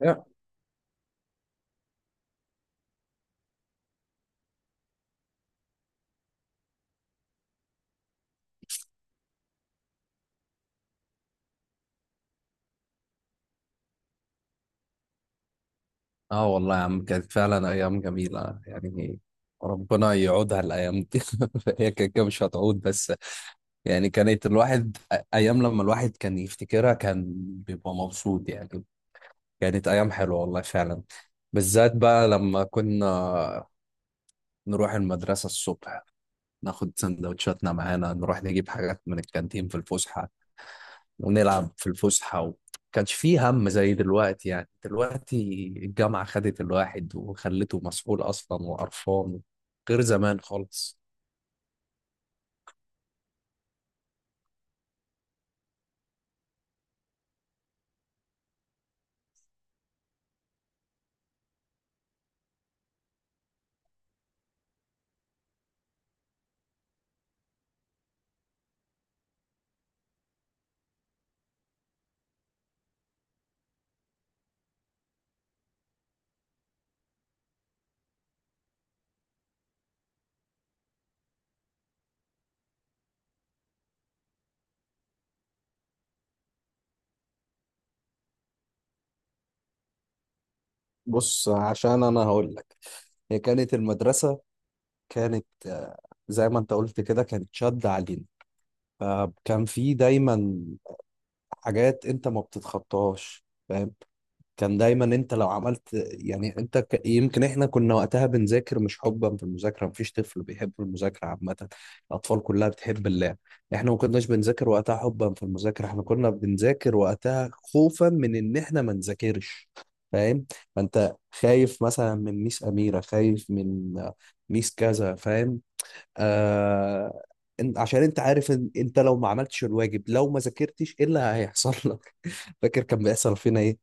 يا- اه، والله يا عم كانت فعلا ايام جميله يعني. ربنا يعودها الايام دي. هي كده كده مش هتعود، بس يعني كانت الواحد ايام لما الواحد كان يفتكرها كان بيبقى مبسوط يعني. كانت ايام حلوه والله فعلا، بالذات بقى لما كنا نروح المدرسه الصبح، ناخد سندوتشاتنا معانا، نروح نجيب حاجات من الكانتين في الفسحه، ونلعب في الفسحة كانش فيه هم زي دلوقتي. يعني دلوقتي الجامعة خدت الواحد وخلته مسؤول أصلا وقرفان، غير زمان خالص. بص، عشان انا هقول لك، هي كانت المدرسه كانت زي ما انت قلت كده، كانت شد علينا. فكان في دايما حاجات انت ما بتتخطاهاش، فاهم؟ كان دايما انت لو عملت، يعني انت يمكن احنا كنا وقتها بنذاكر مش حبا في المذاكره، مفيش طفل بيحب المذاكره عامه، الاطفال كلها بتحب اللعب. احنا ما كناش بنذاكر وقتها حبا في المذاكره، احنا كنا بنذاكر وقتها خوفا من ان احنا ما نذاكرش، فاهم؟ فانت خايف مثلا من ميس اميره، خايف من ميس كذا، فاهم؟ آه... عشان انت عارف ان انت لو ما عملتش الواجب، لو ما ذاكرتش، ايه اللي هيحصل لك؟ فاكر كان بيحصل فينا ايه؟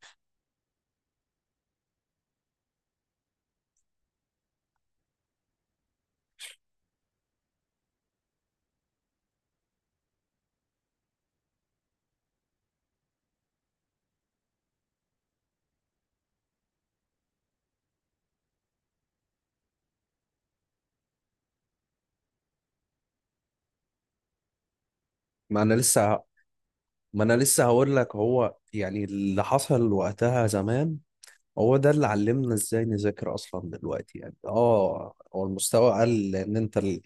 ما انا لسه ما انا لسه هقول لك، هو يعني اللي حصل وقتها زمان هو ده اللي علمنا ازاي نذاكر اصلا. دلوقتي يعني اه، هو المستوى قل، لان انت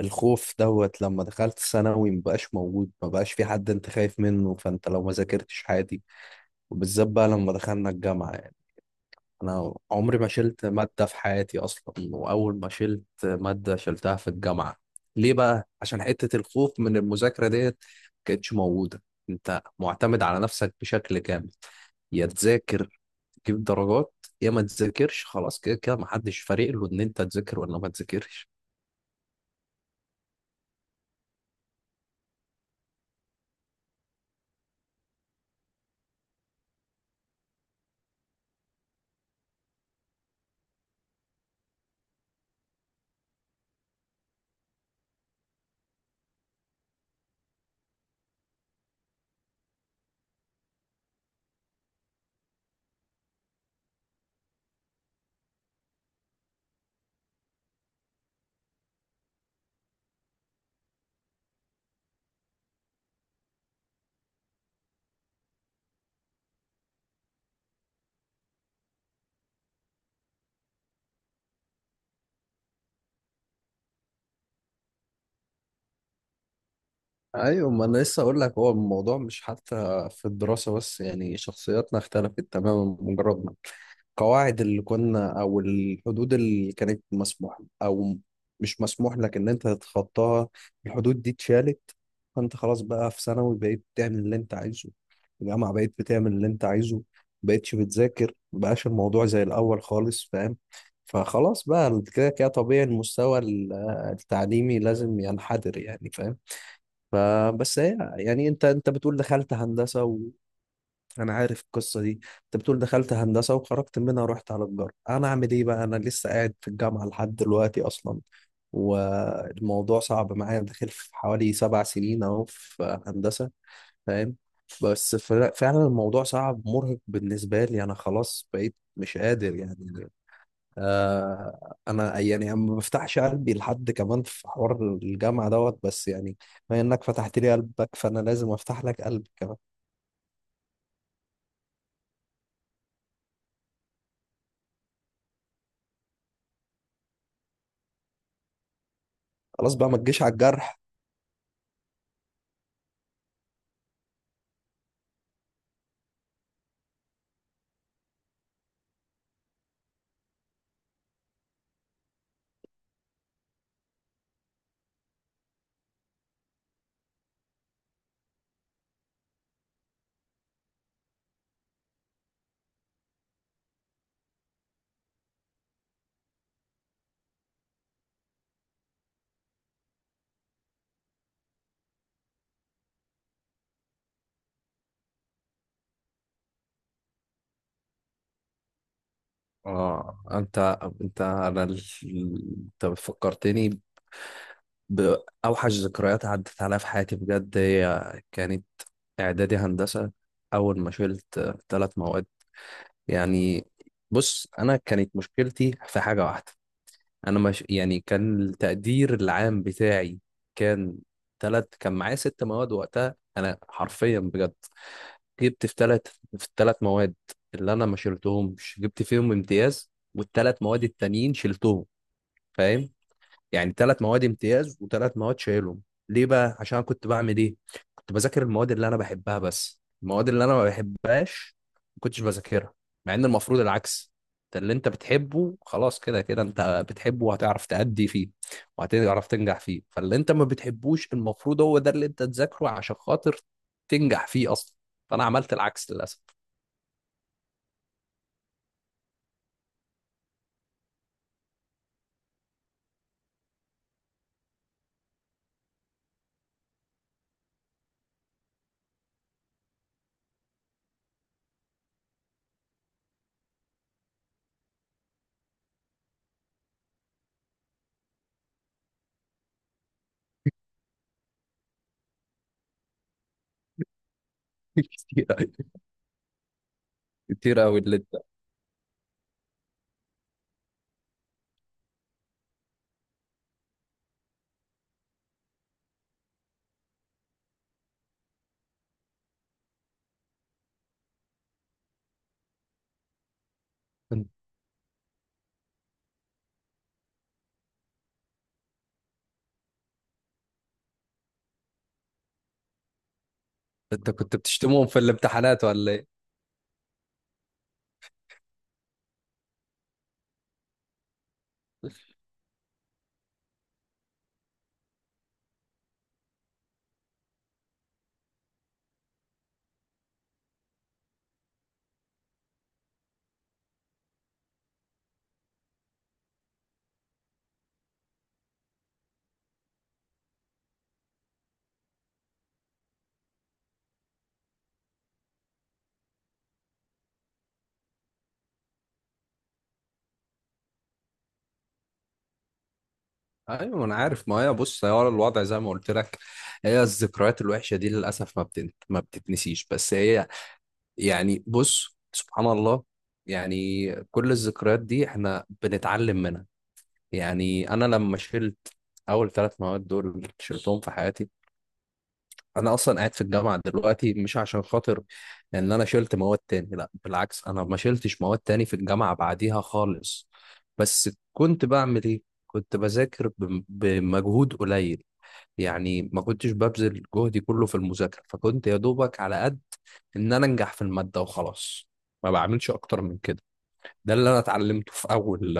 الخوف دوت لما دخلت ثانوي مبقاش موجود، مبقاش في حد انت خايف منه، فانت لو ما ذاكرتش عادي. وبالذات بقى لما دخلنا الجامعة، انا عمري ما شلت ماده في حياتي اصلا، واول ما شلت ماده شلتها في الجامعه. ليه بقى؟ عشان حته الخوف من المذاكره ديت ما كانتش موجوده. انت معتمد على نفسك بشكل كامل، يا تذاكر تجيب درجات، يا ما تذاكرش خلاص، كده كده ما حدش فارق له ان انت تذاكر ولا ما تذاكرش. ايوه، ما انا لسه اقول لك، هو الموضوع مش حتى في الدراسه بس، يعني شخصياتنا اختلفت تماما، مجرد ما القواعد اللي كنا او الحدود اللي كانت مسموح او مش مسموح لك ان انت تتخطاها، الحدود دي اتشالت. فانت خلاص بقى في ثانوي بقيت بتعمل اللي انت عايزه، في الجامعه بقيت بتعمل اللي انت عايزه، مبقتش بتذاكر، مبقاش الموضوع زي الاول خالص، فاهم؟ فخلاص بقى كده كده طبيعي المستوى التعليمي لازم ينحدر يعني، فاهم؟ فبس هي، يعني انت، بتقول دخلت هندسه وانا عارف القصه دي. انت بتقول دخلت هندسه وخرجت منها ورحت على تجاره، انا اعمل ايه بقى؟ انا لسه قاعد في الجامعه لحد دلوقتي اصلا، والموضوع صعب معايا، داخل في حوالي 7 سنين اهو في هندسه، فاهم؟ بس فعلا الموضوع صعب مرهق بالنسبه لي، انا خلاص بقيت مش قادر يعني. آه، انا يعني ما بفتحش قلبي لحد كمان في حوار الجامعه دوت، بس يعني بما انك فتحت لي قلبك، فانا لازم افتح لك قلبي كمان. خلاص بقى، ما تجيش على الجرح. اه، انت فكرتني باوحش ذكريات عدت عليا في حياتي، بجد. هي كانت اعدادي هندسه، اول ما شلت 3 مواد، يعني بص، انا كانت مشكلتي في حاجه واحده، انا مش يعني، كان التقدير العام بتاعي كان تلات، كان معايا 6 مواد وقتها، انا حرفيا بجد جبت في تلات، في التلات مواد اللي انا ما شلتهمش جبت فيهم امتياز، والتلات مواد التانيين شلتهم، فاهم؟ يعني 3 مواد امتياز وثلاث مواد شايلهم. ليه بقى؟ عشان أنا كنت بعمل ايه؟ كنت بذاكر المواد اللي انا بحبها بس، المواد اللي انا ما بحبهاش ما كنتش بذاكرها، مع ان المفروض العكس. انت اللي انت بتحبه خلاص كده كده انت بتحبه، وهتعرف تأدي فيه وهتعرف تنجح فيه، فاللي انت ما بتحبوش المفروض هو ده اللي انت تذاكره عشان خاطر تنجح فيه اصلا، فانا عملت العكس للاسف. كتير أوي- كتير قوي اللي انت، انت كنت بتشتمهم في الامتحانات ولا ايه؟ ايوه، ما انا عارف، ما هي بص، هو الوضع زي ما قلت لك، هي الذكريات الوحشه دي للاسف ما بتتنسيش، بس هي يعني بص، سبحان الله، يعني كل الذكريات دي احنا بنتعلم منها. يعني انا لما شلت اول 3 مواد، دول شلتهم في حياتي، انا اصلا قاعد في الجامعه دلوقتي مش عشان خاطر ان انا شلت مواد تاني، لا بالعكس، انا ما شلتش مواد تاني في الجامعه بعديها خالص. بس كنت بعمل ايه؟ كنت بذاكر بمجهود قليل، يعني ما كنتش ببذل جهدي كله في المذاكرة، فكنت يا دوبك على قد إن أنا أنجح في المادة وخلاص، ما بعملش أكتر من كده. ده اللي أنا اتعلمته في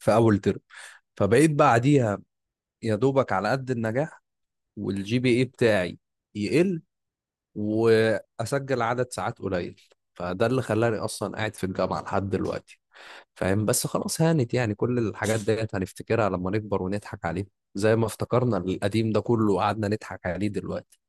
في أول ترم، فبقيت بعديها يا دوبك على قد النجاح، والجي بي إيه بتاعي يقل، وأسجل عدد ساعات قليل. فده اللي خلاني أصلا قاعد في الجامعة لحد دلوقتي، فاهم؟ بس خلاص هانت، يعني كل الحاجات ديت هنفتكرها لما نكبر ونضحك عليها، زي ما افتكرنا القديم ده كله وقعدنا نضحك عليه دلوقتي.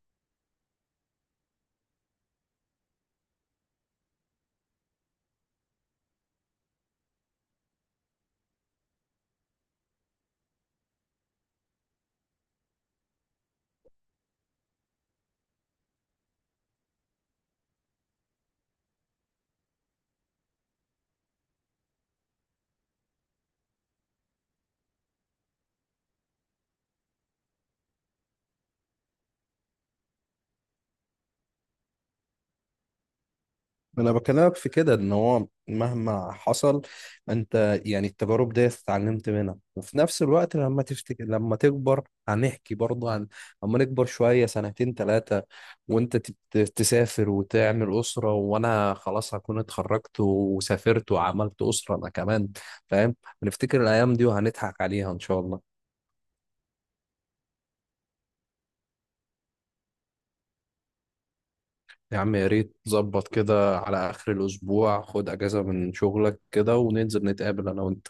انا بكلمك في كده ان هو مهما حصل، انت يعني التجارب دي اتعلمت منها، وفي نفس الوقت لما تفتكر، لما تكبر هنحكي برضه عن، لما نكبر شوية سنتين ثلاثة، وانت تسافر وتعمل أسرة، وانا خلاص هكون اتخرجت وسافرت وعملت أسرة انا كمان، فاهم؟ هنفتكر الايام دي وهنضحك عليها ان شاء الله. يا عم يا ريت ظبط كده على اخر الاسبوع، خد اجازة من شغلك كده وننزل نتقابل انا وانت.